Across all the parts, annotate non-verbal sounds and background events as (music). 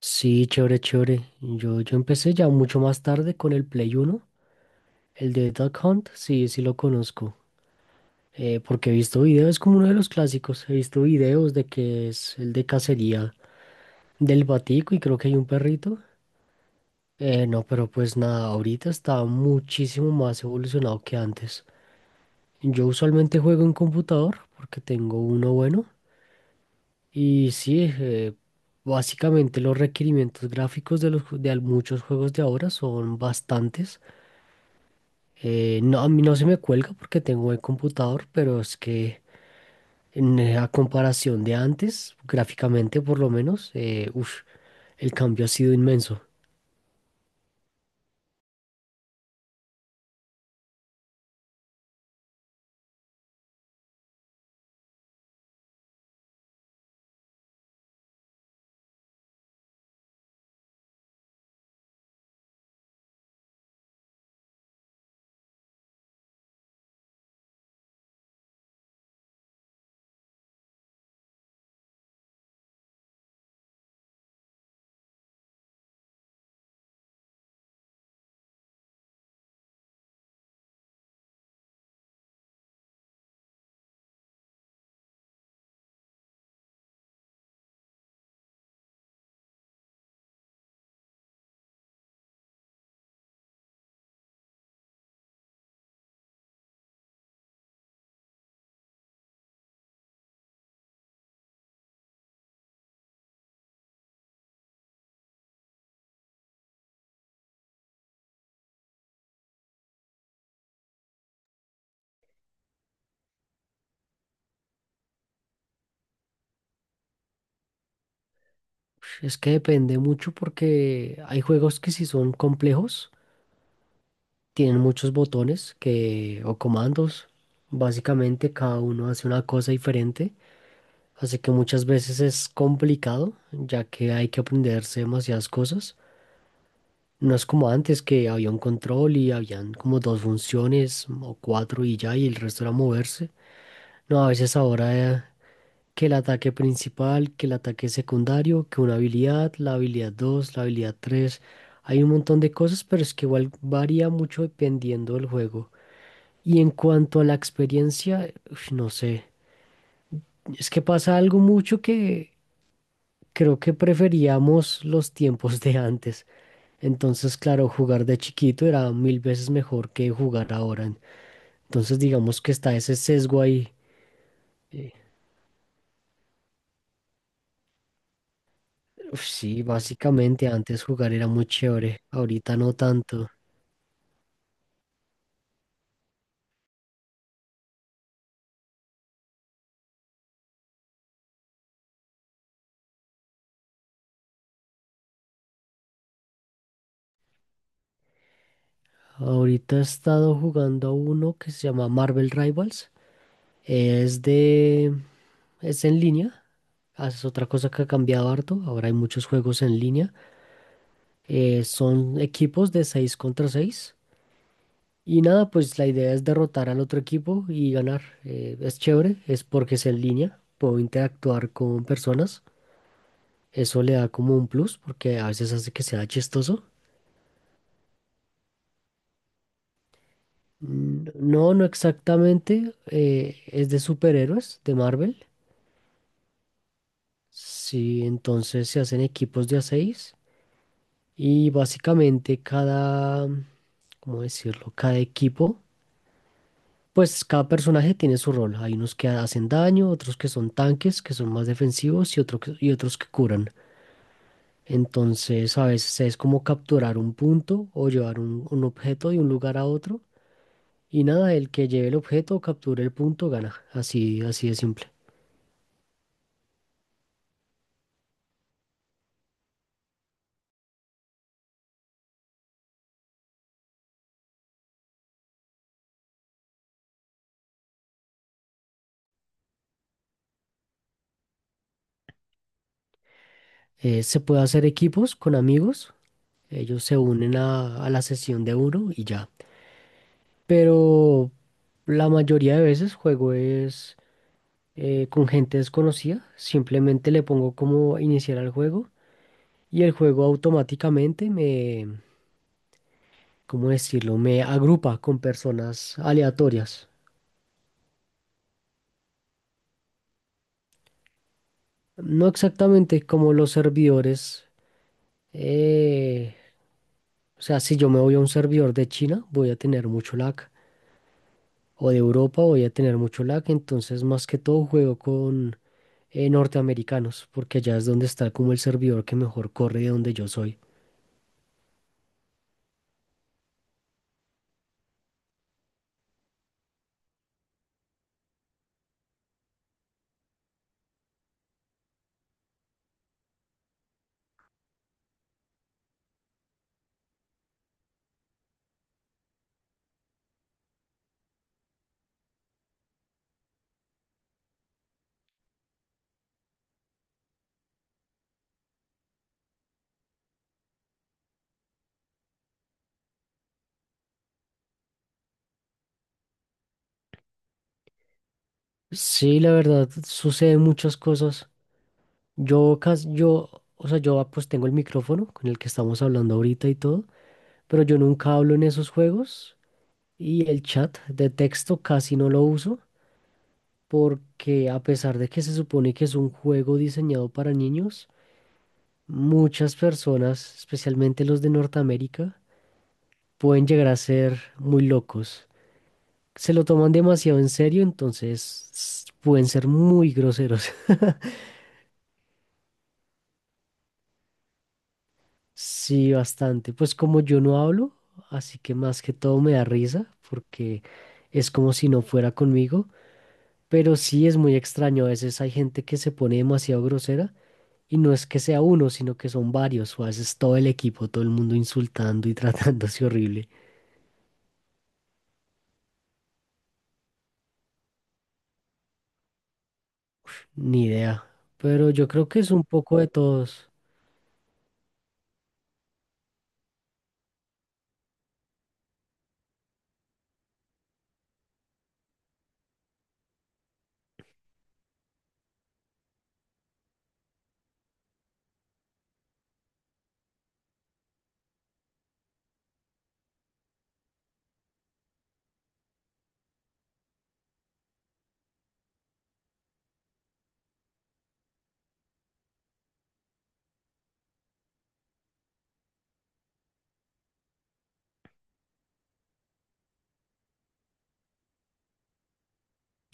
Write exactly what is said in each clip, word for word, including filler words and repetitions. Sí, chévere, chévere. Yo, yo empecé ya mucho más tarde con el Play Uno. El de Duck Hunt, sí, sí lo conozco. Eh, porque he visto videos, es como uno de los clásicos. He visto videos de que es el de cacería del batico y creo que hay un perrito. Eh, no, pero pues nada, ahorita está muchísimo más evolucionado que antes. Yo usualmente juego en computador porque tengo uno bueno. Y sí, eh, básicamente los requerimientos gráficos de, los, ju- de al- muchos juegos de ahora son bastantes. Eh, no, a mí no se me cuelga porque tengo buen computador, pero es que en, eh, a comparación de antes, gráficamente por lo menos, eh, uf, el cambio ha sido inmenso. Uf, es que depende mucho porque hay juegos que si son complejos, tienen muchos botones que, o comandos. Básicamente cada uno hace una cosa diferente, así que muchas veces es complicado, ya que hay que aprenderse demasiadas cosas. No es como antes que había un control y habían como dos funciones o cuatro y ya, y el resto era moverse. No, a veces ahora eh, que el ataque principal, que el ataque secundario, que una habilidad, la habilidad dos, la habilidad tres. Hay un montón de cosas, pero es que igual varía mucho dependiendo del juego. Y en cuanto a la experiencia, uf, no sé. Es que pasa algo mucho que creo que preferíamos los tiempos de antes. Entonces, claro, jugar de chiquito era mil veces mejor que jugar ahora. Entonces, digamos que está ese sesgo ahí. Eh, Uf, sí, básicamente antes jugar era muy chévere, ahorita no tanto. Ahorita he estado jugando a uno que se llama Marvel Rivals. Es de... es en línea. Ah, es otra cosa que ha cambiado harto. Ahora hay muchos juegos en línea. Eh, son equipos de seis contra seis. Y nada, pues la idea es derrotar al otro equipo y ganar. Eh, es chévere, es porque es en línea, puedo interactuar con personas. Eso le da como un plus porque a veces hace que sea chistoso. Mm, no, no exactamente. Eh, es de superhéroes de Marvel. Sí, entonces se hacen equipos de a seis, y básicamente cada, ¿cómo decirlo? Cada equipo. Pues cada personaje tiene su rol. Hay unos que hacen daño, otros que son tanques, que son más defensivos y, otro que- y otros que curan. Entonces a veces es como capturar un punto o llevar un, un objeto de un lugar a otro. Y nada, el que lleve el objeto o capture el punto gana. Así, así de simple. Eh, se puede hacer equipos con amigos. Ellos se unen a, a la sesión de uno y ya. Pero la mayoría de veces juego es eh, con gente desconocida. Simplemente le pongo como iniciar al juego y el juego automáticamente me, ¿cómo decirlo? Me agrupa con personas aleatorias. No exactamente como los servidores. eh, o sea, si yo me voy a un servidor de China, voy a tener mucho lag. O de Europa voy a tener mucho lag. Entonces, más que todo, juego con eh, norteamericanos, porque allá es donde está como el servidor que mejor corre de donde yo soy. Sí, la verdad, suceden muchas cosas. Yo casi, yo, o sea, yo ah, pues tengo el micrófono con el que estamos hablando ahorita y todo, pero yo nunca hablo en esos juegos y el chat de texto casi no lo uso porque a pesar de que se supone que es un juego diseñado para niños, muchas personas, especialmente los de Norteamérica, pueden llegar a ser muy locos. Se lo toman demasiado en serio, entonces s- pueden ser muy groseros. (laughs) Sí, bastante. Pues como yo no hablo, así que más que todo me da risa porque es como si no fuera conmigo, pero sí es muy extraño. A veces hay gente que se pone demasiado grosera y no es que sea uno, sino que son varios o a veces todo el equipo, todo el mundo insultando y (laughs) tratándose horrible. Ni idea. Pero yo creo que es un poco de todos.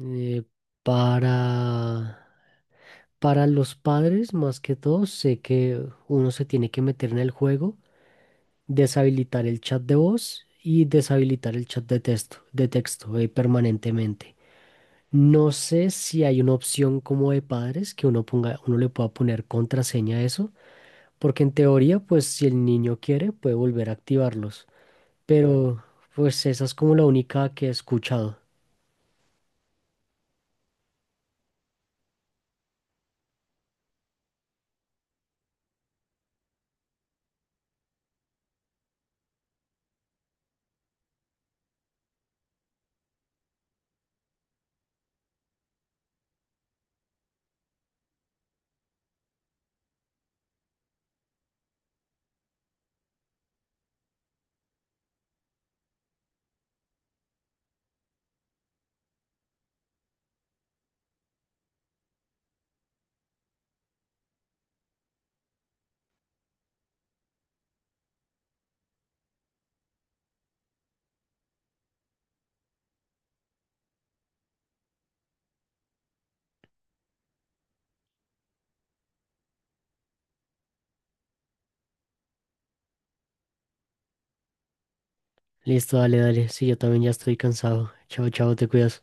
Eh, para, para los padres, más que todo, sé que uno se tiene que meter en el juego, deshabilitar el chat de voz y deshabilitar el chat de texto, de texto eh, permanentemente. No sé si hay una opción como de padres que uno ponga, uno le pueda poner contraseña a eso, porque en teoría, pues si el niño quiere, puede volver a activarlos. Pero pues esa es como la única que he escuchado. Listo, dale, dale. Sí, yo también ya estoy cansado. Chao, chao, te cuidas.